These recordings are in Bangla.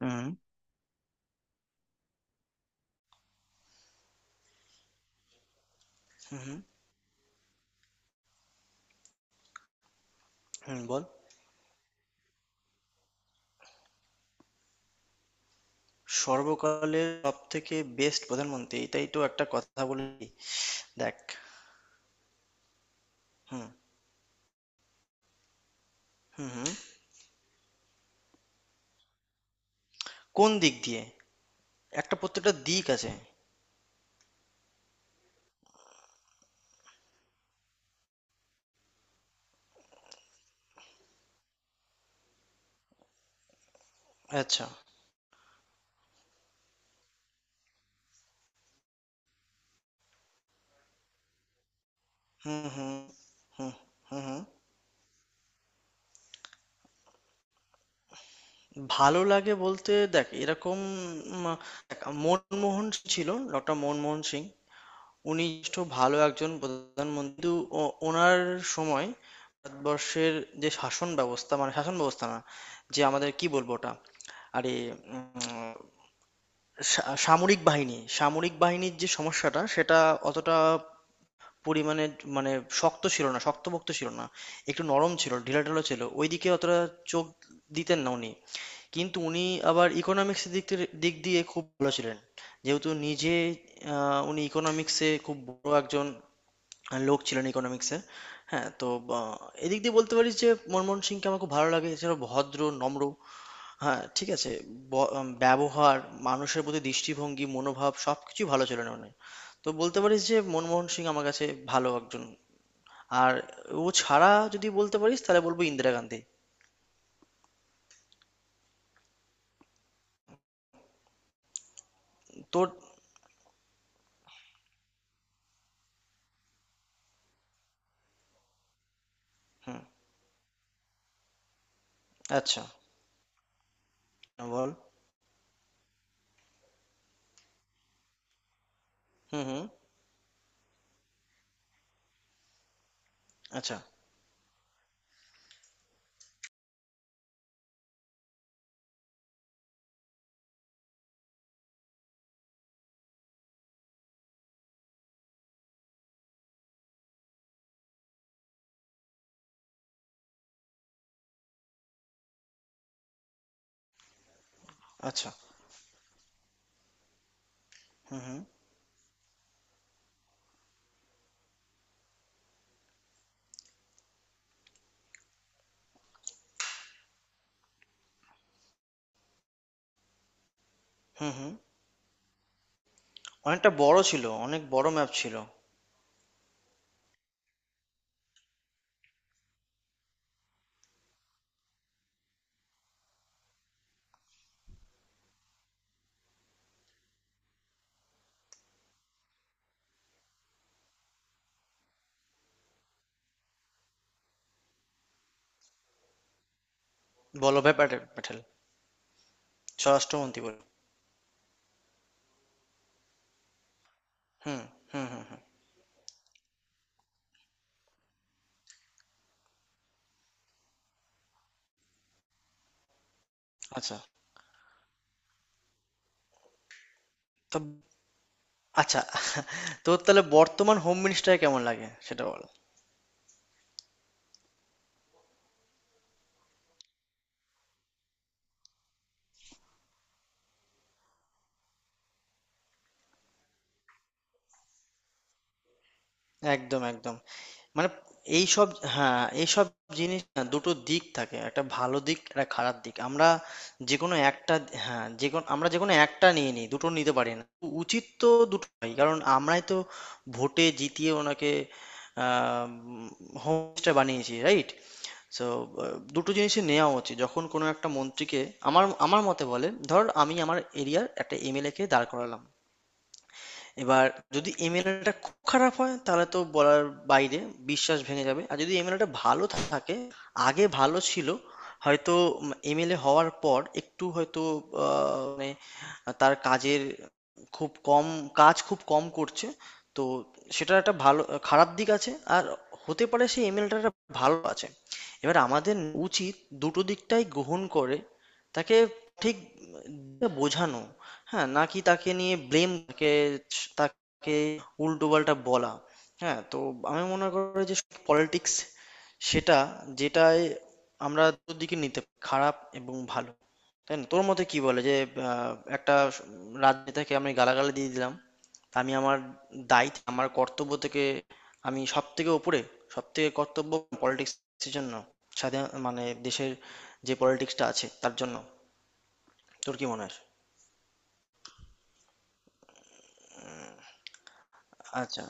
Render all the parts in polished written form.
হুম, হুম, হুম, হুম, বল। সর্বকালের সবথেকে বেস্ট প্রধানমন্ত্রী এটাই তো একটা কথা বলি। দেখ, হুম হুম হুম। কোন দিক দিয়ে? একটা প্রত্যেকটা দিক আছে। আচ্ছা, হুম হুম হুম হুম হুম। ভালো লাগে বলতে দেখ এরকম উম, দেখ, মনমোহন সিং ছিল, ডক্টর মনমোহন সিং। উনি যথেষ্ট ভালো একজন প্রধানমন্ত্রী, কিন্তু ওনার সময় ভারতবর্ষের যে শাসন ব্যবস্থা, মানে শাসন ব্যবস্থা না, যে আমাদের কি বলবো ওটা, আরে উম, সামরিক বাহিনী, সামরিক বাহিনীর যে সমস্যাটা, সেটা অতটা পরিমাণে মানে শক্ত ছিল না, শক্তপোক্ত ছিল না। একটু নরম ছিল, ঢিলাঢালা ছিল, ওইদিকে অতটা চোখ দিতেন না উনি। কিন্তু উনি আবার ইকোনমিক্সের দিক দিয়ে খুব ভালো ছিলেন, যেহেতু নিজে উনি ইকোনমিক্সে খুব বড় একজন লোক ছিলেন, ইকোনমিক্সে। হ্যাঁ, তো আহ, এদিক দিয়ে বলতে পারি যে মনমোহন সিংকে আমার খুব ভালো লাগে। এছাড়া ভদ্র, নম্র, হ্যাঁ, ঠিক আছে। ব ব্যবহার, মানুষের প্রতি দৃষ্টিভঙ্গি, মনোভাব সবকিছুই ভালো ছিল নয়নের। তো বলতে পারিস যে মনমোহন সিং আমার কাছে ভালো একজন। আর ও ছাড়া যদি বলতে পারিস তাহলে বলবো ইন্দিরা গান্ধী। তোর হুম, আচ্ছা, বল। হুম, হুম, আচ্ছা, আচ্ছা। হুম, হুম, হুম, হুম। অনেকটা বড় ছিল, অনেক বড় ম্যাপ ছিল। বল্লভভাই প্যাটে প্যাটেল, স্বরাষ্ট্রমন্ত্রী বলে। হুম, হুম, হুম, হুম। আচ্ছা। তো আচ্ছা, তোর তাহলে বর্তমান হোম মিনিস্টার কেমন লাগে সেটা বল? একদম, একদম। মানে এইসব, হ্যাঁ এইসব জিনিস না, দুটো দিক থাকে, একটা ভালো দিক, একটা খারাপ দিক, আমরা যে কোনো একটা, হ্যাঁ যে কোনো, আমরা যে কোনো একটা নিয়ে নিই, দুটো নিতে পারি না। উচিত তো দুটোই, কারণ আমরাই তো ভোটে জিতিয়ে ওনাকে হোম মিনিস্টার বানিয়েছি, রাইট? সো দুটো জিনিসই নেওয়া উচিত যখন কোনো একটা মন্ত্রীকে আমার আমার মতে বলে ধর, আমি আমার এরিয়ার একটা এমএলএ কে দাঁড় করালাম। এবার যদি এমএলএটা খুব খারাপ হয় তাহলে তো বলার বাইরে, বিশ্বাস ভেঙে যাবে। আর যদি এমএলএটা ভালো থাকে, আগে ভালো ছিল হয়তো, এমএলএ হওয়ার পর একটু হয়তো মানে তার কাজের খুব কম, কাজ খুব কম করছে, তো সেটার একটা ভালো খারাপ দিক আছে। আর হতে পারে সেই এমএলএটা ভালো আছে, এবার আমাদের উচিত দুটো দিকটাই গ্রহণ করে তাকে ঠিক বোঝানো, হ্যাঁ? নাকি তাকে নিয়ে ব্লেম কে তাকে উল্টোপাল্টা বলা, হ্যাঁ? তো আমি মনে করি যে পলিটিক্স সেটা যেটায় আমরা দুদিকে নিতে পারি, খারাপ এবং ভালো। তাই না? তোর মতে কি বলে যে একটা রাজনেতাকে আমি গালাগালি দিয়ে দিলাম, আমি দায়িত্ব আমার কর্তব্য থেকে আমি সব থেকে উপরে, সব থেকে কর্তব্য পলিটিক্সের জন্য, স্বাধীন মানে দেশের যে পলিটিক্সটা আছে তার জন্য। তোর কি মনে হয়? আচ্ছা।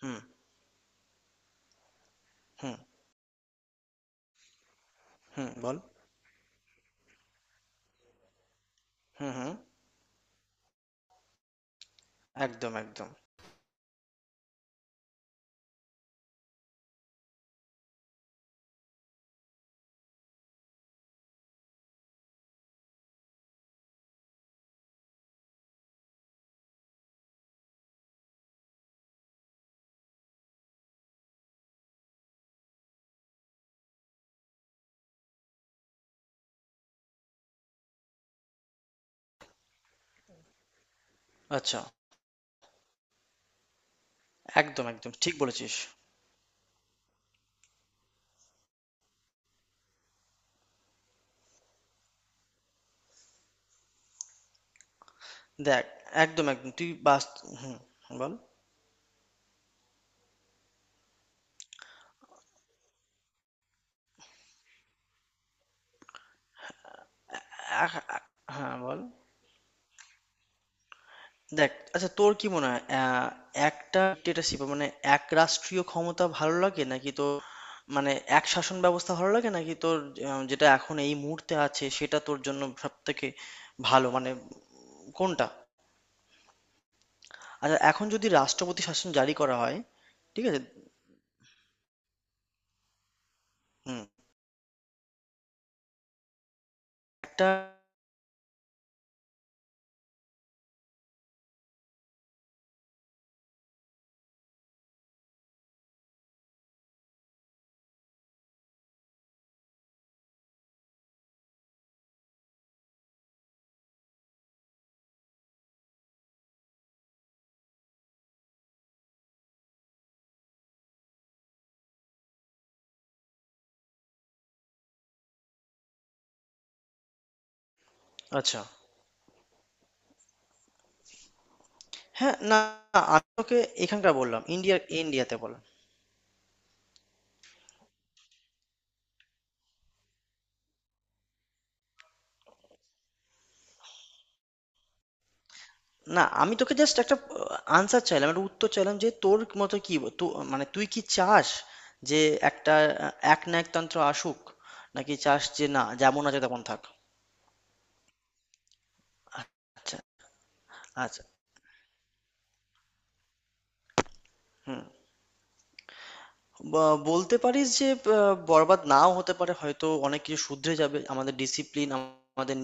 হুম হুম হুম, বল। হুম হুম। একদম একদম। আচ্ছা, একদম একদম ঠিক বলেছিস। দেখ, একদম একদম তুই বাস, হুম বল। হ্যাঁ বল। দেখ আচ্ছা, তোর কি মনে হয়, একটা ডিক্টেটরশিপ মানে এক রাষ্ট্রীয় ক্ষমতা ভালো লাগে নাকি তোর, মানে এক শাসন ব্যবস্থা ভালো লাগে নাকি তোর? যেটা এখন এই মুহূর্তে আছে সেটা তোর জন্য সব থেকে ভালো, মানে কোনটা? আচ্ছা, এখন যদি রাষ্ট্রপতি শাসন জারি করা হয়? ঠিক আছে। হুম। একটা আচ্ছা। হ্যাঁ, না, আমি তোকে এখানকার বললাম, ইন্ডিয়ার, ইন্ডিয়াতে বললাম। না, আমি তোকে জাস্ট একটা আনসার চাইলাম, একটা উত্তর চাইলাম যে তোর মতে কি মানে তুই কি চাস যে একটা আ একনায়কতন্ত্র আসুক? নাকি চাস যে না, যেমন আছে তেমন থাক? আচ্ছা, আচ্ছা। হুম। ব বলতে পারিস যে আ বরবাদ নাও হতে পারে, হয়তো অনেক কিছু শুধরে যাবে। আমাদের ডিসিপ্লিন, আমাদের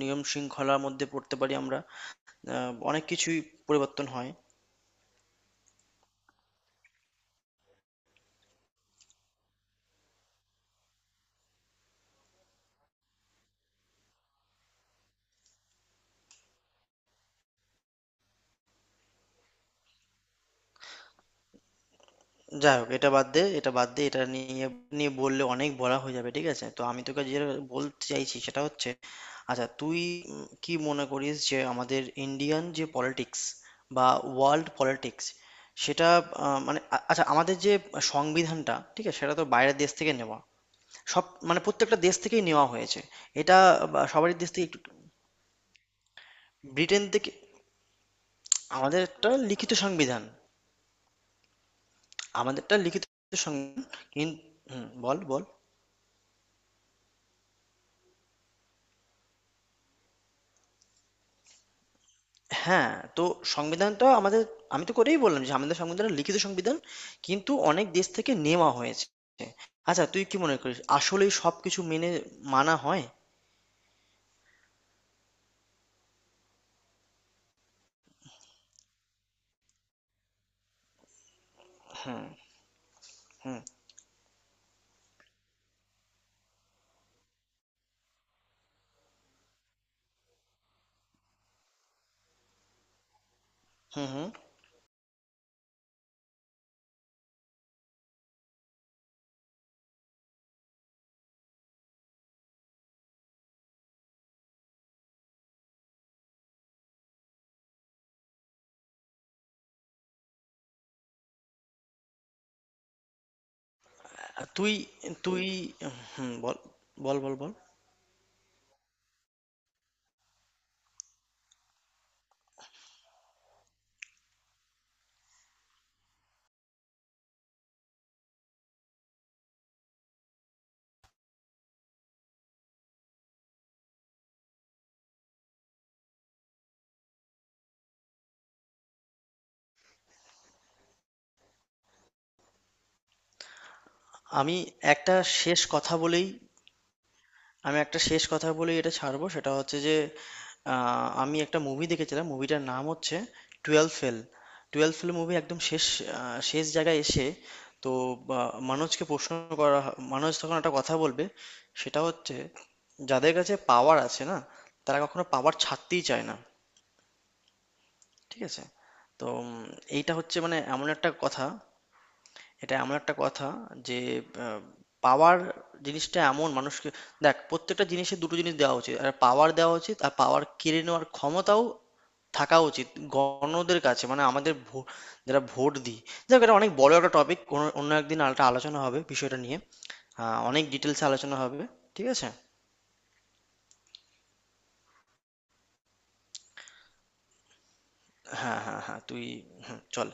নিয়ম শৃঙ্খলার মধ্যে পড়তে পারি আমরা। আ অনেক কিছুই পরিবর্তন হয়। যাই হোক, এটা বাদ দে, এটা বাদ দে, এটা নিয়ে নিয়ে বললে অনেক বলা হয়ে যাবে। ঠিক আছে, তো আমি তোকে যেটা বলতে চাইছি সেটা হচ্ছে, আচ্ছা তুই কি মনে করিস যে আমাদের ইন্ডিয়ান যে পলিটিক্স বা ওয়ার্ল্ড পলিটিক্স সেটা মানে আচ্ছা আমাদের যে সংবিধানটা, ঠিক আছে, সেটা তো বাইরের দেশ থেকে নেওয়া, সব মানে প্রত্যেকটা দেশ থেকেই নেওয়া হয়েছে এটা, বা সবারই দেশ থেকে একটু, ব্রিটেন থেকে। আমাদের একটা লিখিত সংবিধান, আমাদেরটা লিখিত সংবিধান কিন্তু। হুম, বল বল। হ্যাঁ, তো সংবিধানটা আমাদের, আমি তো করেই বললাম যে আমাদের সংবিধানটা লিখিত সংবিধান, কিন্তু অনেক দেশ থেকে নেওয়া হয়েছে। আচ্ছা, তুই কি মনে করিস আসলেই সবকিছু মেনে মানা হয়? হুম হুম হুম হুম। তুই তুই হুম, বল। আমি একটা শেষ কথা বলেই আমি একটা শেষ কথা বলি, এটা ছাড়বো। সেটা হচ্ছে যে আমি একটা মুভি দেখেছিলাম, মুভিটার নাম হচ্ছে twelve fail. Twelve fail movie একদম শেষ, শেষ জায়গায় এসে, তো মানুষকে প্রশ্ন করা মানুষ তখন একটা কথা বলবে, সেটা হচ্ছে যাদের কাছে পাওয়ার আছে না, তারা কখনো পাওয়ার ছাড়তেই চায় না। ঠিক আছে, তো এইটা হচ্ছে মানে এমন একটা কথা, এটা এমন একটা কথা যে আহ, পাওয়ার জিনিসটা এমন, মানুষকে দেখ প্রত্যেকটা জিনিসে দুটো জিনিস দেওয়া উচিত, আর পাওয়ার দেওয়া উচিত আর পাওয়ার কেড়ে নেওয়ার ক্ষমতাও থাকা উচিত গণদের কাছে, মানে আমাদের যারা ভোট দিই। যাক, এটা অনেক বড় একটা টপিক, কোনো অন্য একদিন আলোচনা হবে বিষয়টা নিয়ে, অনেক ডিটেলসে আলোচনা হবে। ঠিক আছে, হ্যাঁ হ্যাঁ হ্যাঁ তুই, হুম, চল।